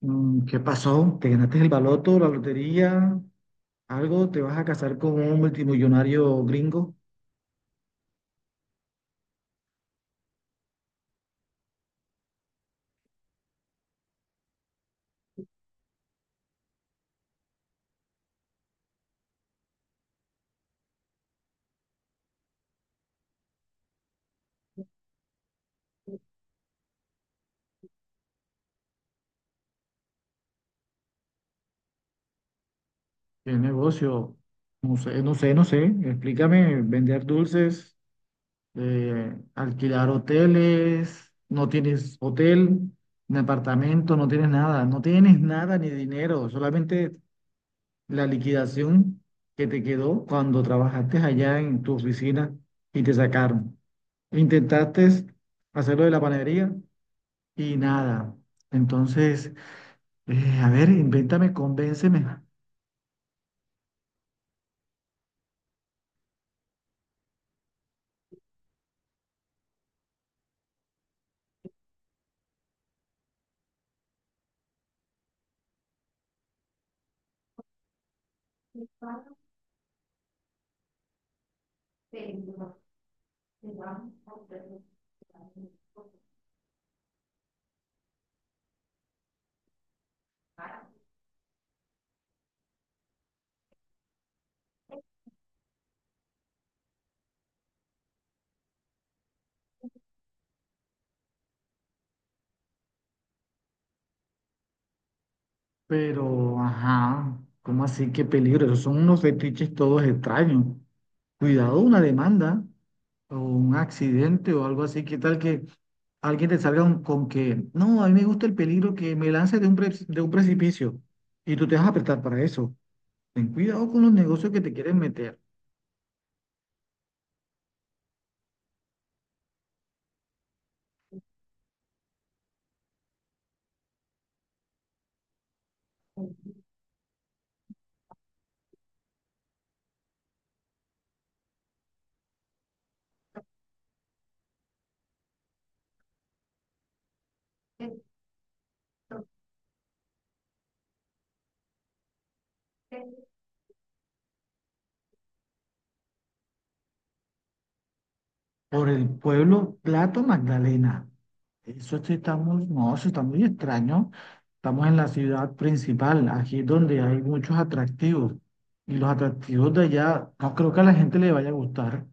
Mm, ¿qué pasó? ¿Te ganaste el baloto, la lotería? ¿Algo? ¿Te vas a casar con un multimillonario gringo? ¿Qué negocio? No sé, no sé, no sé. Explícame, vender dulces, alquilar hoteles, no tienes hotel, ni apartamento, no tienes nada, no tienes nada ni dinero, solamente la liquidación que te quedó cuando trabajaste allá en tu oficina y te sacaron. ¿Intentaste hacerlo de la panadería? Y nada. Entonces, a ver, invéntame, convénceme. Pero, ajá, ¿cómo así? Qué peligro. Esos son unos fetiches todos extraños. Cuidado, una demanda o un accidente o algo así. ¿Qué tal que alguien te salga con que, no, a mí me gusta el peligro, que me lance de de un precipicio y tú te vas a apretar para eso? Ten cuidado con los negocios que te quieren meter. Por el pueblo Plato Magdalena. Eso sí está muy, no, eso está muy extraño. Estamos en la ciudad principal, aquí es donde hay muchos atractivos. Y los atractivos de allá, no creo que a la gente le vaya a gustar.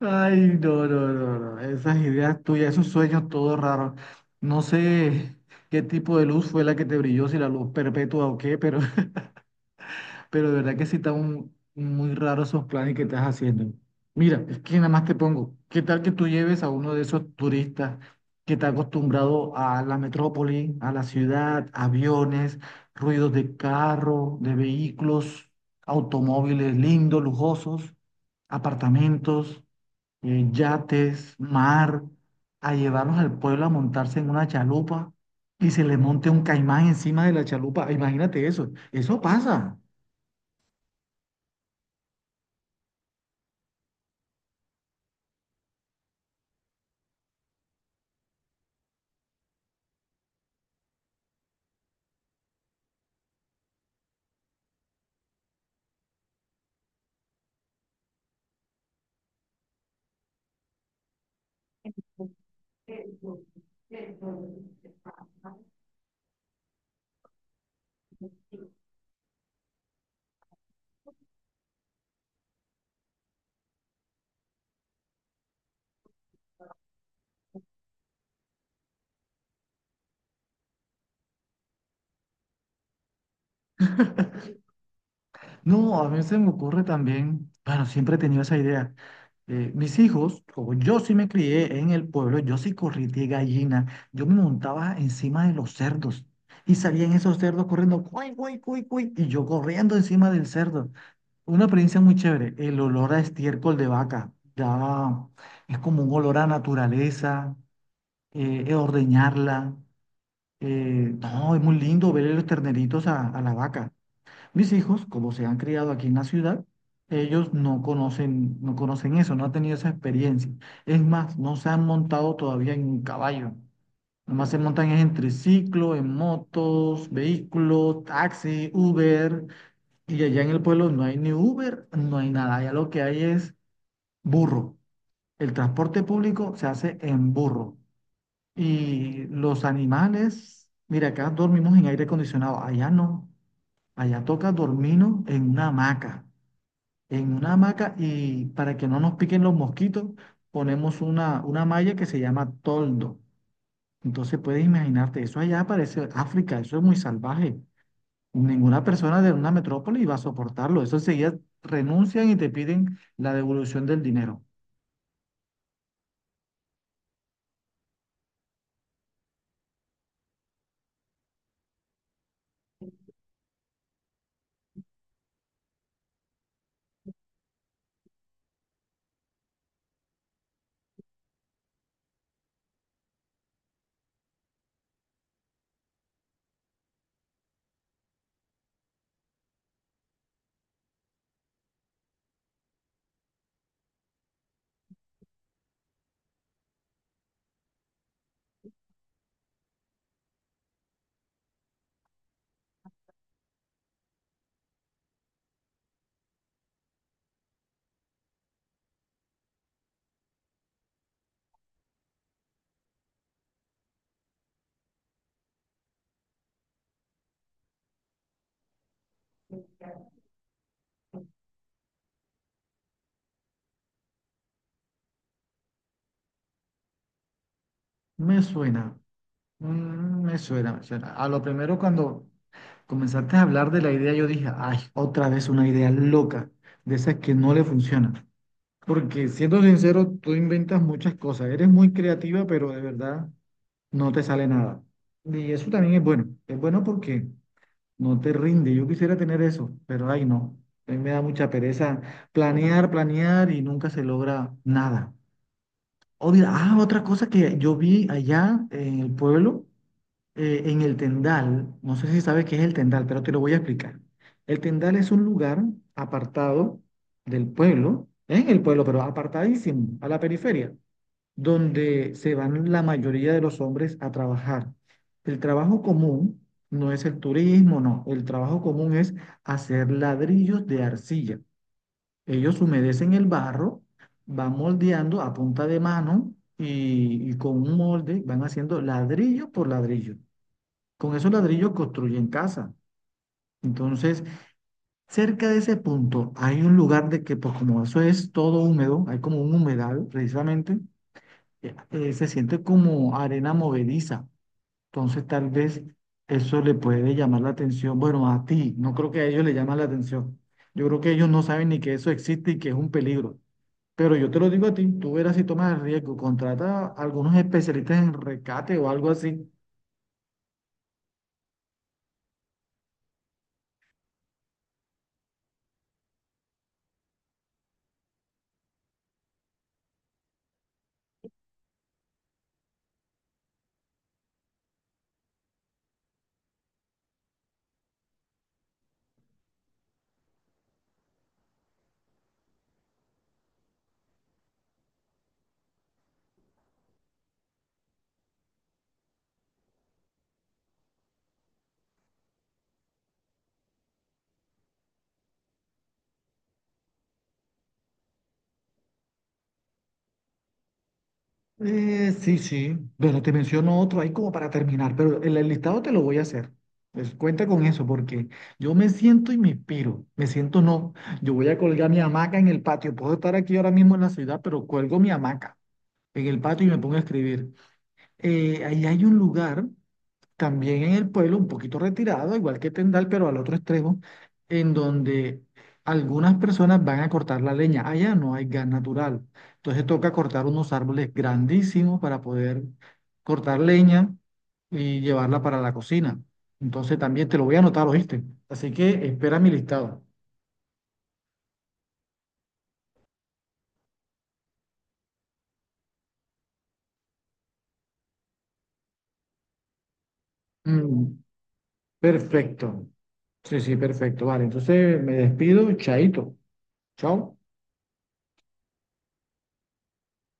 Ay, no, no, no, no. Esas ideas tuyas, esos sueños todos raros. No sé qué tipo de luz fue la que te brilló, si la luz perpetua o qué, pero de verdad que sí está muy raro esos planes que estás haciendo. Mira, es que nada más te pongo, ¿qué tal que tú lleves a uno de esos turistas que está acostumbrado a la metrópoli, a la ciudad, aviones, ruidos de carro, de vehículos, automóviles lindos, lujosos, apartamentos, yates, mar, a llevarnos al pueblo a montarse en una chalupa? Y se le monte un caimán encima de la chalupa. Imagínate eso. Eso pasa. No, a mí se me ocurre también, bueno, siempre he tenido esa idea. Mis hijos, como yo sí me crié en el pueblo, yo sí corrí de gallina, yo me montaba encima de los cerdos y salían esos cerdos corriendo, cuy, cuy, cuy, cuy, y yo corriendo encima del cerdo. Una experiencia muy chévere, el olor a estiércol de vaca, ya es como un olor a naturaleza, ordeñarla. No, es muy lindo ver los terneritos a la vaca. Mis hijos, como se han criado aquí en la ciudad, ellos no conocen, no conocen eso, no han tenido esa experiencia. Es más, no se han montado todavía en un caballo. Nomás se montan es en triciclo, en motos, vehículos, taxi, Uber. Y allá en el pueblo no hay ni Uber, no hay nada. Allá lo que hay es burro. El transporte público se hace en burro. Y los animales, mira, acá dormimos en aire acondicionado. Allá no. Allá toca dormirnos en una hamaca y para que no nos piquen los mosquitos, ponemos una malla que se llama toldo. Entonces puedes imaginarte, eso allá parece África, eso es muy salvaje. Ninguna persona de una metrópoli va a soportarlo. Eso enseguida renuncian y te piden la devolución del dinero. Me suena, mm, me suena, me suena. A lo primero cuando comenzaste a hablar de la idea, yo dije, ay, otra vez una idea loca, de esas que no le funcionan. Porque siendo sincero, tú inventas muchas cosas. Eres muy creativa, pero de verdad no te sale nada. Y eso también es bueno. Es bueno porque no te rinde. Yo quisiera tener eso, pero ay no. A mí me da mucha pereza planear, planear y nunca se logra nada. Obvio, ah, otra cosa que yo vi allá en el pueblo en el Tendal, no sé si sabes qué es el Tendal, pero te lo voy a explicar. El Tendal es un lugar apartado del pueblo, en el pueblo, pero apartadísimo, a la periferia, donde se van la mayoría de los hombres a trabajar. El trabajo común no es el turismo, no. El trabajo común es hacer ladrillos de arcilla. Ellos humedecen el barro, van moldeando a punta de mano y con un molde van haciendo ladrillo por ladrillo. Con esos ladrillos construyen casa. Entonces, cerca de ese punto hay un lugar de que, pues como eso es todo húmedo, hay como un humedal precisamente, se siente como arena movediza. Entonces, tal vez eso le puede llamar la atención. Bueno, a ti, no creo que a ellos le llama la atención. Yo creo que ellos no saben ni que eso existe y que es un peligro. Pero yo te lo digo a ti, tú verás si tomas el riesgo, contrata a algunos especialistas en rescate o algo así. Sí, sí. Bueno, te menciono otro ahí como para terminar, pero el listado te lo voy a hacer. Pues cuenta con eso, porque yo me siento y me inspiro. Me siento no. Yo voy a colgar mi hamaca en el patio. Puedo estar aquí ahora mismo en la ciudad, pero cuelgo mi hamaca en el patio y me pongo a escribir. Ahí hay un lugar también en el pueblo, un poquito retirado, igual que Tendal, pero al otro extremo, en donde algunas personas van a cortar la leña. Allá no hay gas natural. Entonces toca cortar unos árboles grandísimos para poder cortar leña y llevarla para la cocina. Entonces también te lo voy a anotar, ¿oíste? Así que espera mi listado. Mm, perfecto. Sí, sí, perfecto. Vale, entonces me despido. Chaito. Chao.